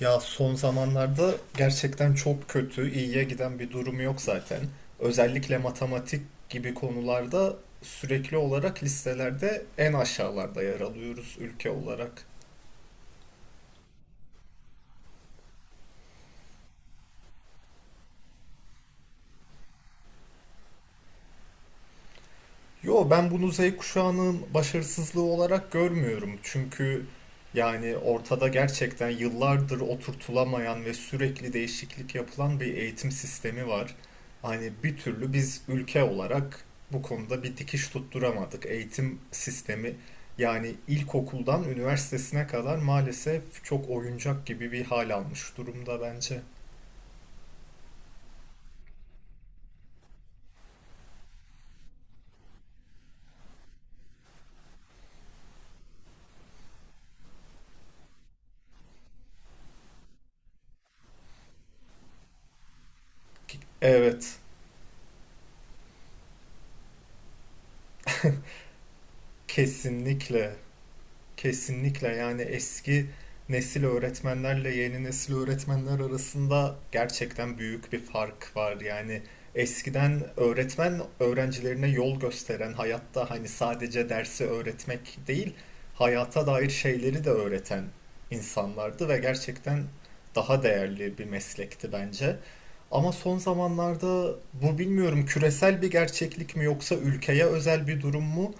Ya son zamanlarda gerçekten çok kötü, iyiye giden bir durum yok zaten. Özellikle matematik gibi konularda sürekli olarak listelerde en aşağılarda yer alıyoruz ülke olarak. Yo ben bunu Z kuşağının başarısızlığı olarak görmüyorum. Çünkü yani ortada gerçekten yıllardır oturtulamayan ve sürekli değişiklik yapılan bir eğitim sistemi var. Hani bir türlü biz ülke olarak bu konuda bir dikiş tutturamadık. Eğitim sistemi yani ilkokuldan üniversitesine kadar maalesef çok oyuncak gibi bir hal almış durumda bence. Evet, kesinlikle. Kesinlikle yani eski nesil öğretmenlerle yeni nesil öğretmenler arasında gerçekten büyük bir fark var. Yani eskiden öğretmen öğrencilerine yol gösteren, hayatta hani sadece dersi öğretmek değil, hayata dair şeyleri de öğreten insanlardı ve gerçekten daha değerli bir meslekti bence. Ama son zamanlarda bu bilmiyorum küresel bir gerçeklik mi yoksa ülkeye özel bir durum mu?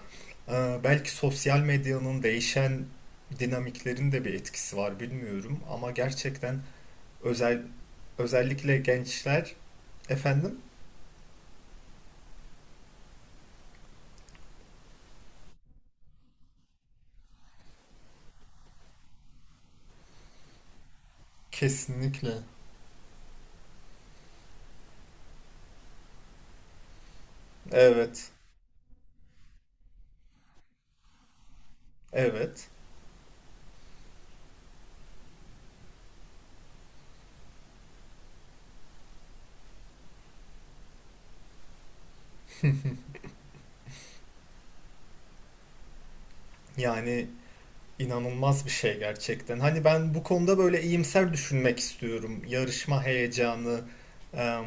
Belki sosyal medyanın değişen dinamiklerin de bir etkisi var bilmiyorum ama gerçekten özel özellikle gençler efendim. Kesinlikle. Evet, evet, yani inanılmaz bir şey gerçekten. Hani ben bu konuda böyle iyimser düşünmek istiyorum. Yarışma heyecanı. e,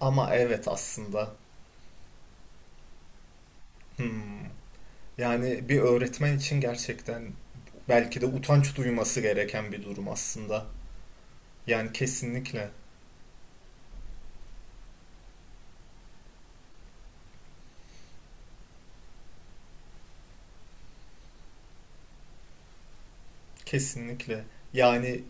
Ama evet aslında hmm. Yani bir öğretmen için gerçekten belki de utanç duyması gereken bir durum aslında. Yani kesinlikle. Kesinlikle. Yani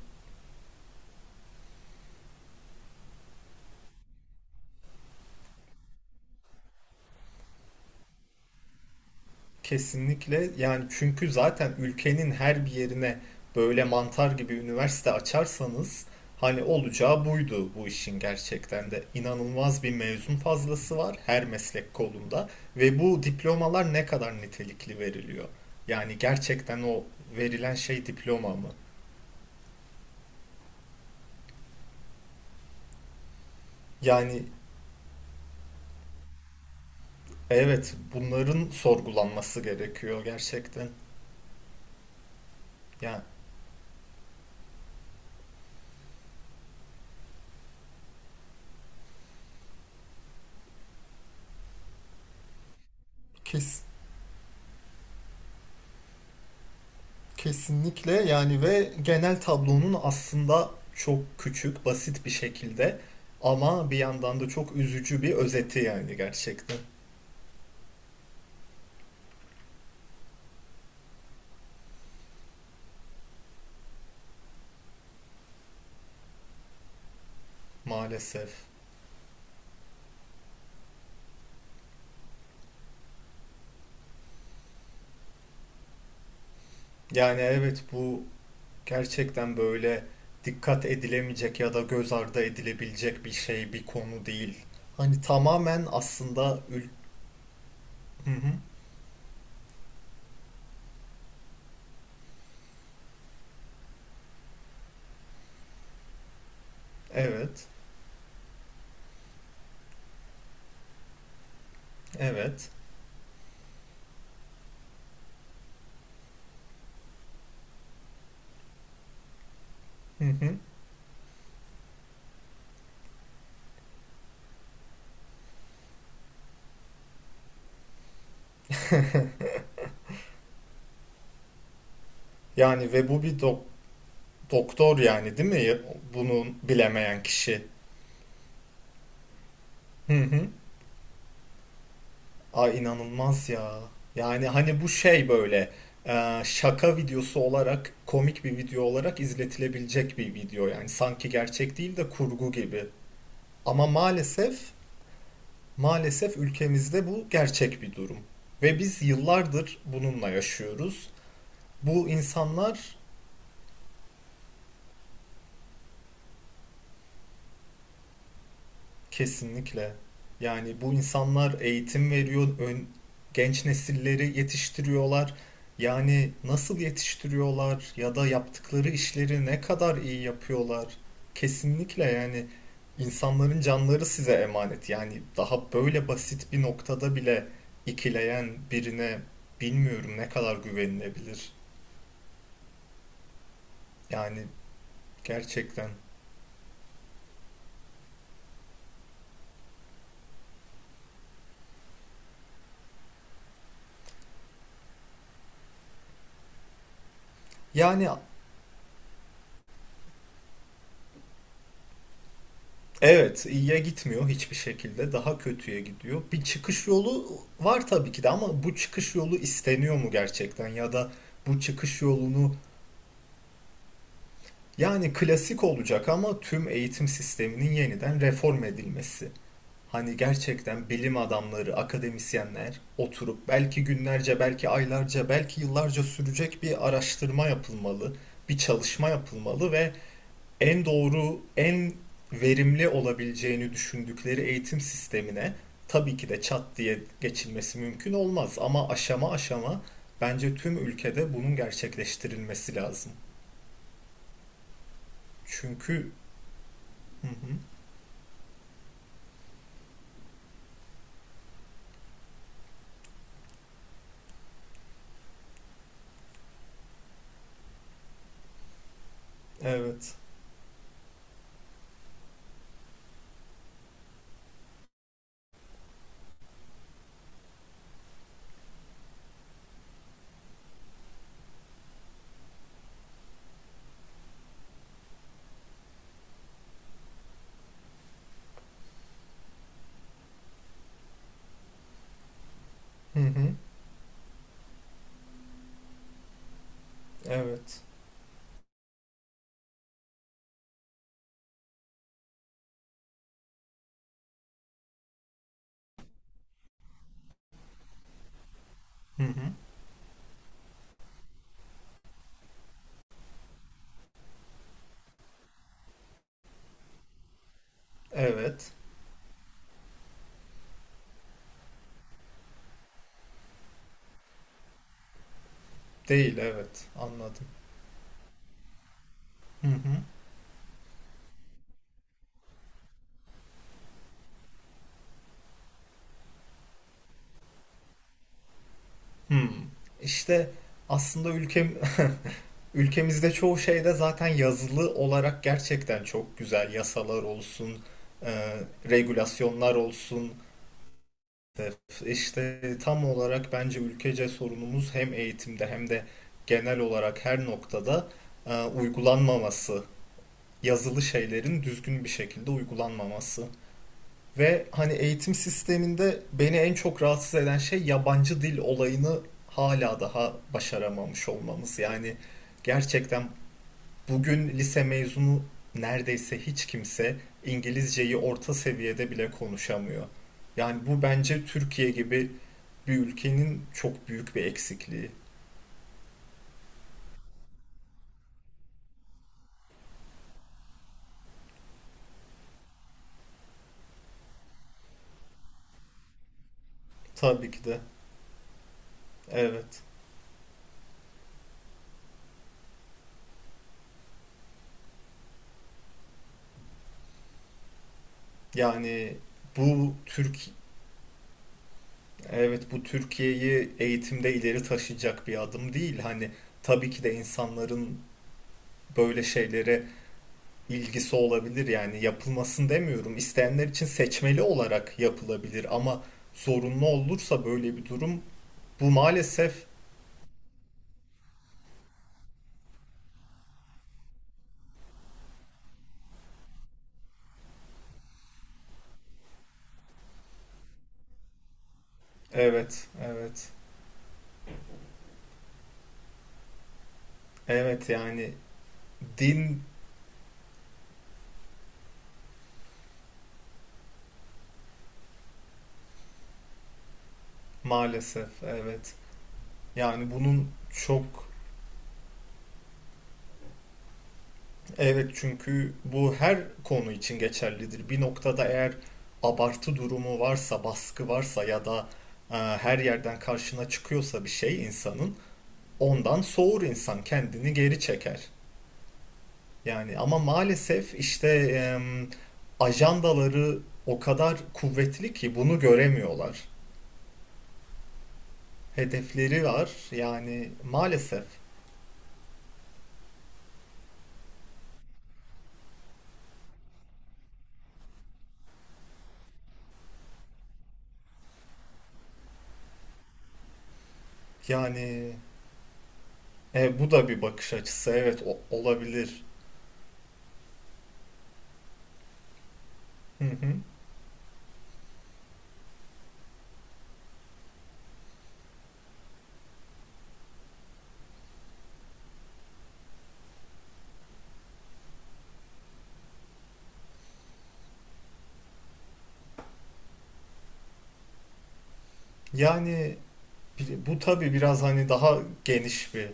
Yani çünkü zaten ülkenin her bir yerine böyle mantar gibi üniversite açarsanız hani olacağı buydu bu işin gerçekten de. İnanılmaz bir mezun fazlası var her meslek kolunda ve bu diplomalar ne kadar nitelikli veriliyor? Yani gerçekten o verilen şey diploma mı? Yani evet bunların sorgulanması gerekiyor gerçekten. Yani kes Kesinlikle yani ve genel tablonun aslında çok küçük, basit bir şekilde ama bir yandan da çok üzücü bir özeti yani gerçekten maalesef. Yani evet bu gerçekten böyle dikkat edilemeyecek ya da göz ardı edilebilecek bir şey, bir konu değil. Hani tamamen aslında ül-. Hı hı. Evet. Evet. Hı hı. Yani ve bu bir dok- doktor yani değil mi? Bunu bilemeyen kişi. Hı hı. Ay inanılmaz ya. Yani hani bu şey böyle şaka videosu olarak komik bir video olarak izletilebilecek bir video yani sanki gerçek değil de kurgu gibi. Ama maalesef ülkemizde bu gerçek bir durum ve biz yıllardır bununla yaşıyoruz. Bu insanlar. Kesinlikle. Yani bu insanlar eğitim veriyor, genç nesilleri yetiştiriyorlar. Yani nasıl yetiştiriyorlar ya da yaptıkları işleri ne kadar iyi yapıyorlar? Kesinlikle yani insanların canları size emanet. Yani daha böyle basit bir noktada bile ikileyen birine bilmiyorum ne kadar güvenilebilir. Yani gerçekten. Yani evet, iyiye gitmiyor hiçbir şekilde. Daha kötüye gidiyor. Bir çıkış yolu var tabii ki de ama bu çıkış yolu isteniyor mu gerçekten ya da bu çıkış yolunu yani klasik olacak ama tüm eğitim sisteminin yeniden reform edilmesi. Hani gerçekten bilim adamları, akademisyenler oturup belki günlerce, belki aylarca, belki yıllarca sürecek bir araştırma yapılmalı, bir çalışma yapılmalı ve en doğru, en verimli olabileceğini düşündükleri eğitim sistemine tabii ki de çat diye geçilmesi mümkün olmaz ama aşama aşama bence tüm ülkede bunun gerçekleştirilmesi lazım. Çünkü hı hı, evet. Hı hı, evet. Hı hı, evet. Değil, evet. Anladım. Hı hı. Hmm. İşte aslında ülkem Ülkemizde çoğu şeyde zaten yazılı olarak gerçekten çok güzel yasalar olsun, e, regülasyonlar olsun. İşte tam olarak bence ülkece sorunumuz hem eğitimde hem de genel olarak her noktada uygulanmaması, yazılı şeylerin düzgün bir şekilde uygulanmaması. Ve hani eğitim sisteminde beni en çok rahatsız eden şey yabancı dil olayını hala daha başaramamış olmamız. Yani gerçekten bugün lise mezunu neredeyse hiç kimse İngilizceyi orta seviyede bile konuşamıyor. Yani bu bence Türkiye gibi bir ülkenin çok büyük bir eksikliği. Tabii ki de. Evet. Yani bu Türk Evet, bu Türkiye'yi eğitimde ileri taşıyacak bir adım değil. Hani tabii ki de insanların böyle şeylere ilgisi olabilir. Yani yapılmasın demiyorum. İsteyenler için seçmeli olarak yapılabilir ama zorunlu olursa böyle bir durum. Bu maalesef evet, evet, evet, yani din maalesef evet, yani bunun çok evet çünkü bu her konu için geçerlidir. Bir noktada eğer abartı durumu varsa baskı varsa ya da her yerden karşına çıkıyorsa bir şey insanın ondan soğur insan kendini geri çeker. Yani ama maalesef işte ajandaları o kadar kuvvetli ki bunu göremiyorlar. Hedefleri var. Yani maalesef. Yani bu da bir bakış açısı. Evet, olabilir. Hı hı. Yani bu tabii biraz hani daha geniş bir.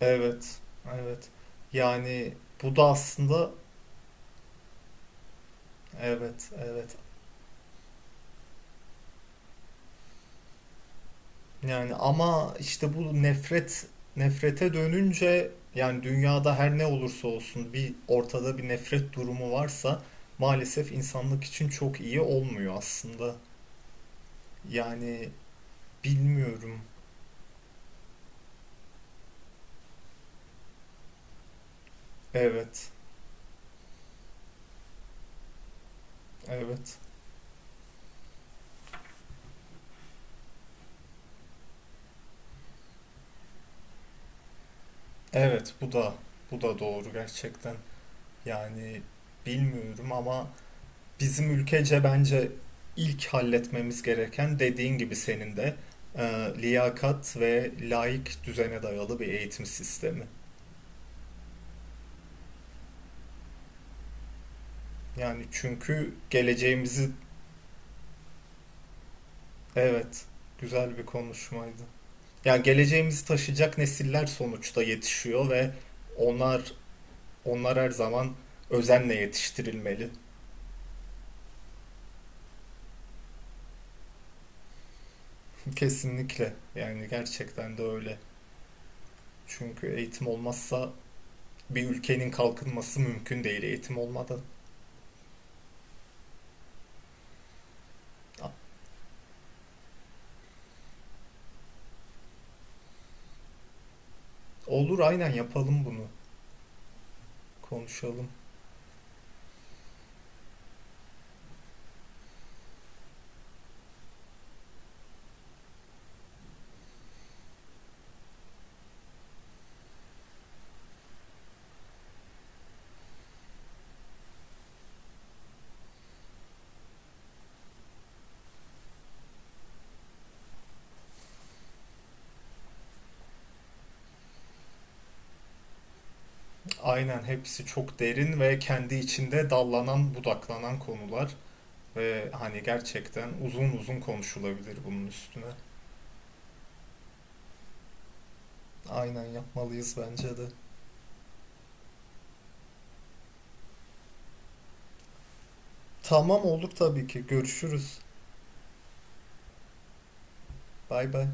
Evet. Evet. Yani bu da aslında evet, evet. Yani ama işte bu nefret nefrete dönünce yani dünyada her ne olursa olsun bir ortada bir nefret durumu varsa maalesef insanlık için çok iyi olmuyor aslında. Yani bilmiyorum. Evet. Evet. Evet bu da doğru gerçekten. Yani bilmiyorum ama bizim ülkece bence ilk halletmemiz gereken dediğin gibi senin de liyakat ve laik düzene dayalı bir eğitim sistemi. Yani çünkü geleceğimizi Evet, güzel bir konuşmaydı. Ya geleceğimizi taşıyacak nesiller sonuçta yetişiyor ve onlar onlar her zaman özenle yetiştirilmeli. Kesinlikle. Yani gerçekten de öyle. Çünkü eğitim olmazsa bir ülkenin kalkınması mümkün değil eğitim olmadan. Olur, aynen yapalım bunu. Konuşalım. Aynen hepsi çok derin ve kendi içinde dallanan, budaklanan konular ve hani gerçekten uzun uzun konuşulabilir bunun üstüne. Aynen yapmalıyız bence de. Tamam olduk tabii ki. Görüşürüz. Bay bay.